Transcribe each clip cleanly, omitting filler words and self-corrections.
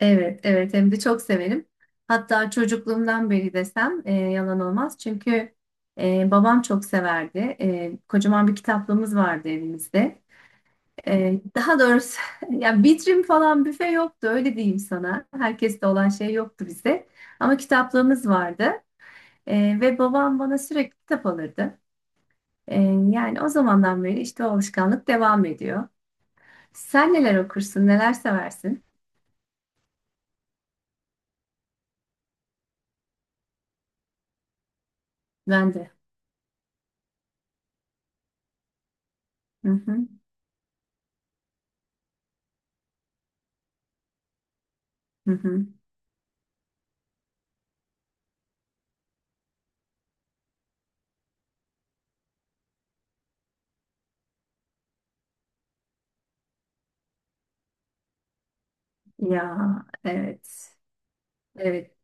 Evet, evet hem de çok severim. Hatta çocukluğumdan beri desem yalan olmaz. Çünkü babam çok severdi. Kocaman bir kitaplığımız vardı evimizde. Daha doğrusu ya vitrin falan büfe yoktu öyle diyeyim sana. Herkeste olan şey yoktu bizde. Ama kitaplığımız vardı. Ve babam bana sürekli kitap alırdı. E, Yani o zamandan beri işte o alışkanlık devam ediyor. Sen neler okursun, neler seversin? Ben de. Hı hı, hı hı. Ya, evet. Evet.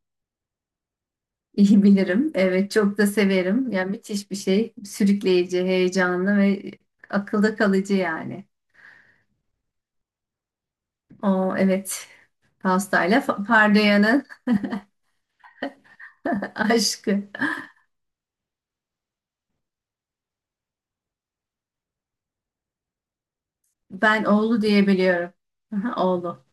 iyi bilirim. Evet, çok da severim. Yani müthiş bir şey. Sürükleyici, heyecanlı ve akılda kalıcı yani. O evet. Pastayla Pardoyan'ın aşkı. Ben oğlu diye biliyorum. Aha, oğlu.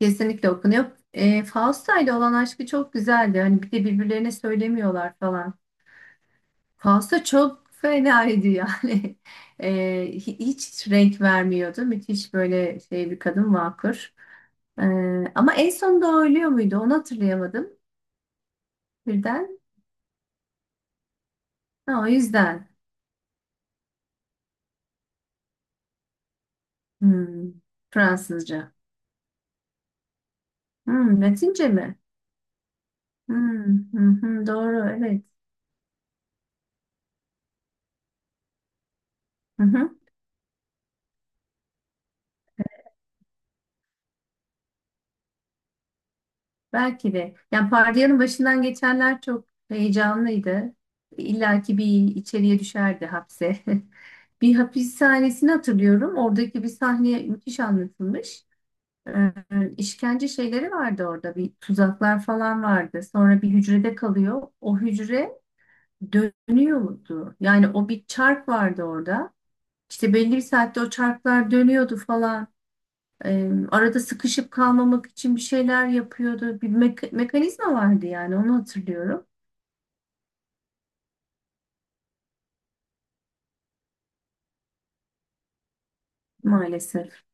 Kesinlikle okunuyor. Fausta ile olan aşkı çok güzeldi. Hani bir de birbirlerine söylemiyorlar falan. Fausta çok fenaydı yani. E, Hiç renk vermiyordu. Müthiş böyle şey bir kadın vakur. Ee, Ama en sonunda o ölüyor muydu? Onu hatırlayamadım. Birden. Ha, o yüzden. Hmm, Fransızca. Hmm, Latince mi? Hmm, hı hı, doğru, evet. Hı hı, belki de. Yani Pardiya'nın başından geçenler çok heyecanlıydı. İlla ki bir içeriye düşerdi hapse. Bir hapishanesini hatırlıyorum. Oradaki bir sahne müthiş anlatılmış. Ee, işkence şeyleri vardı orada. Bir tuzaklar falan vardı. Sonra bir hücrede kalıyor. O hücre dönüyordu. Yani o bir çark vardı orada. İşte belli bir saatte o çarklar dönüyordu falan. Arada sıkışıp kalmamak için bir şeyler yapıyordu. Bir mekanizma vardı, yani onu hatırlıyorum maalesef.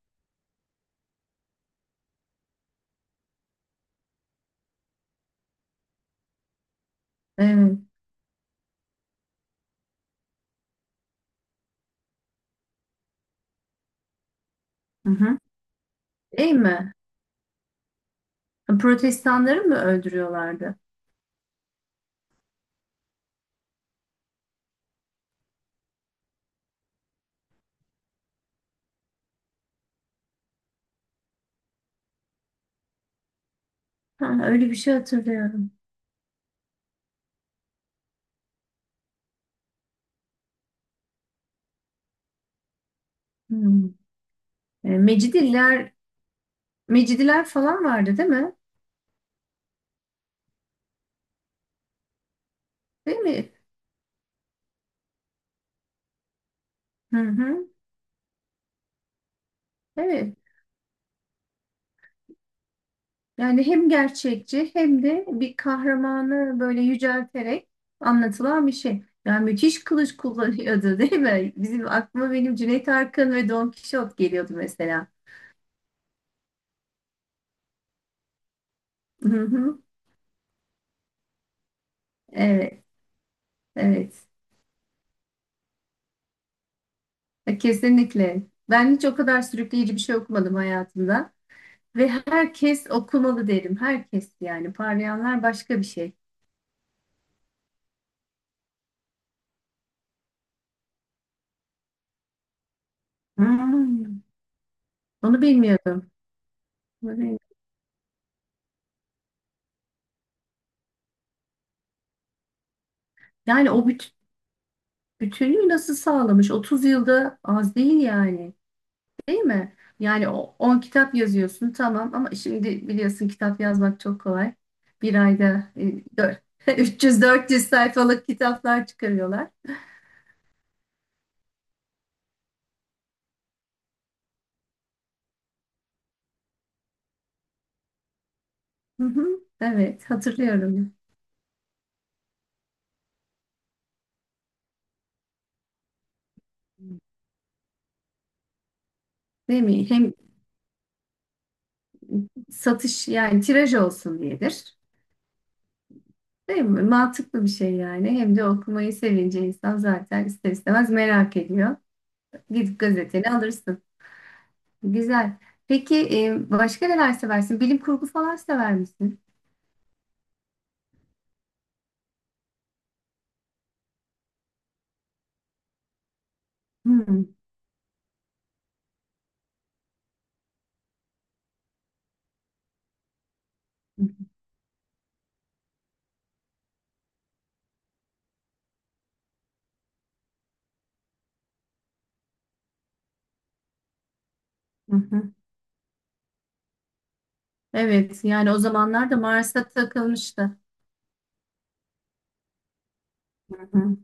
Evet. Hı hı. Değil mi? Protestanları mı öldürüyorlardı? Ha, öyle bir şey hatırlıyorum. Hmm. Mecidiler, Mecidiler falan vardı değil mi? Değil mi? Hı hı. Evet. Yani hem gerçekçi hem de bir kahramanı böyle yücelterek anlatılan bir şey. Yani müthiş kılıç kullanıyordu değil mi? Bizim aklıma benim Cüneyt Arkın ve Don Kişot geliyordu mesela. Hı hı. Evet, evet. Kesinlikle. Ben hiç o kadar sürükleyici bir şey okumadım hayatımda. Ve herkes okumalı derim. Herkes yani. Parlayanlar başka bir şey. Hmm, onu bilmiyordum. Onu bilmiyordum. Yani o bütünlüğü nasıl sağlamış? 30 yılda az değil yani. Değil mi? Yani o 10 kitap yazıyorsun tamam, ama şimdi biliyorsun kitap yazmak çok kolay. Bir ayda dört, 300 400 sayfalık kitaplar çıkarıyorlar. Hı hı. Evet, hatırlıyorum. Değil mi? Hem satış yani tiraj olsun diyedir. Değil mi? Mantıklı bir şey yani. Hem de okumayı sevince insan zaten ister istemez merak ediyor. Gidip gazeteni alırsın. Güzel. Peki başka neler seversin? Bilim kurgu falan sever misin? Hı hı. Hı hı. Evet, yani o zamanlarda Mars'a takılmıştı. Hı hı.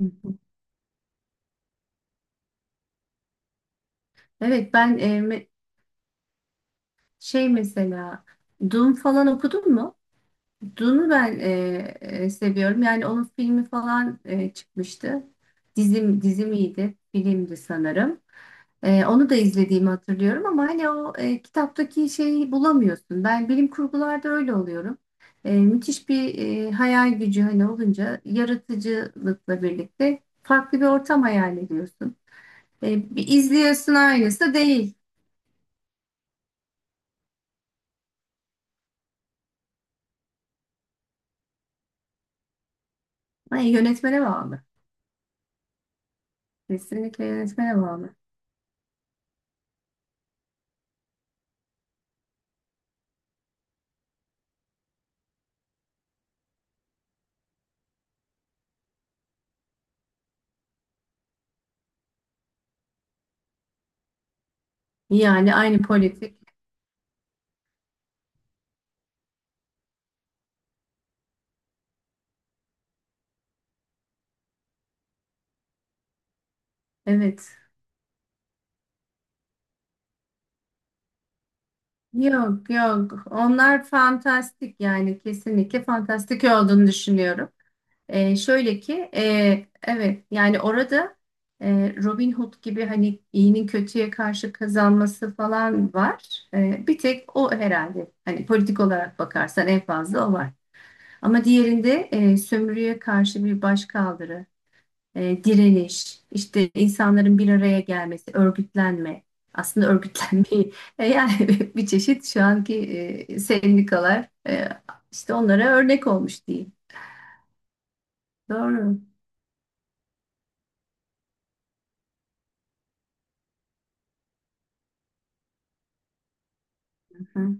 Hı hı. Evet ben şey mesela Dune falan okudun mu? Dune'u ben seviyorum. Yani onun filmi falan çıkmıştı. Dizimiydi, filmdi sanırım. Onu da izlediğimi hatırlıyorum ama hani o kitaptaki şeyi bulamıyorsun. Ben bilim kurgularda öyle oluyorum. Müthiş bir hayal gücü hani olunca yaratıcılıkla birlikte farklı bir ortam hayal ediyorsun. Bir izliyorsun aynısı da değil. Ay, yönetmene bağlı. Kesinlikle yönetmene bağlı. Yani aynı politik. Evet. Yok yok. Onlar fantastik, yani kesinlikle fantastik olduğunu düşünüyorum. Şöyle ki evet, yani orada Robin Hood gibi hani iyinin kötüye karşı kazanması falan var. Bir tek o herhalde, hani politik olarak bakarsan en fazla o var. Ama diğerinde sömürüye karşı bir başkaldırı, direniş, işte insanların bir araya gelmesi, örgütlenme. Aslında örgütlenmeyi yani bir çeşit şu anki sendikalar, işte onlara örnek olmuş diyeyim. Doğru. Hı.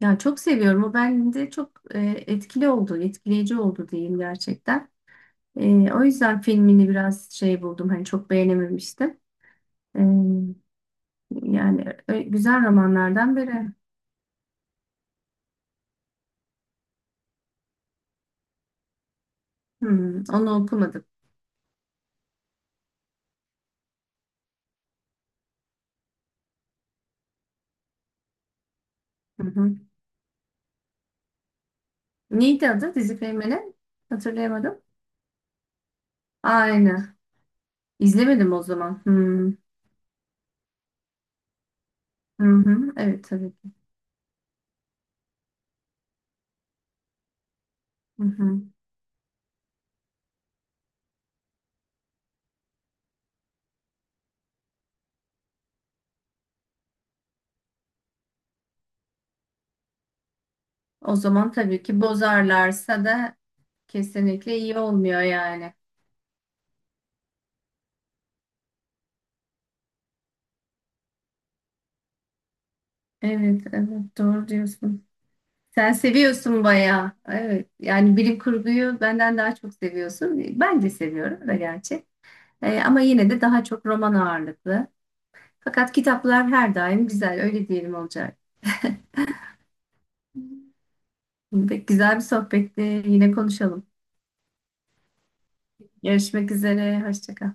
Ya çok seviyorum. O bende çok etkili oldu, etkileyici oldu diyeyim gerçekten. O yüzden filmini biraz şey buldum. Hani çok beğenememiştim. E, güzel romanlardan biri. Hmm, onu okumadım. Hı hı. Neydi adı dizi filminin? Hatırlayamadım. Aynı. İzlemedim o zaman. Hmm. Hı hı. Evet tabii ki. Hı hı. O zaman tabii ki bozarlarsa da kesinlikle iyi olmuyor yani. Evet, evet doğru diyorsun. Sen seviyorsun bayağı. Evet. Yani bilim kurguyu benden daha çok seviyorsun. Ben de seviyorum da gerçi. Ama yine de daha çok roman ağırlıklı. Fakat kitaplar her daim güzel. Öyle diyelim olacak. Pek güzel bir sohbetti. Yine konuşalım. Görüşmek üzere. Hoşça kal.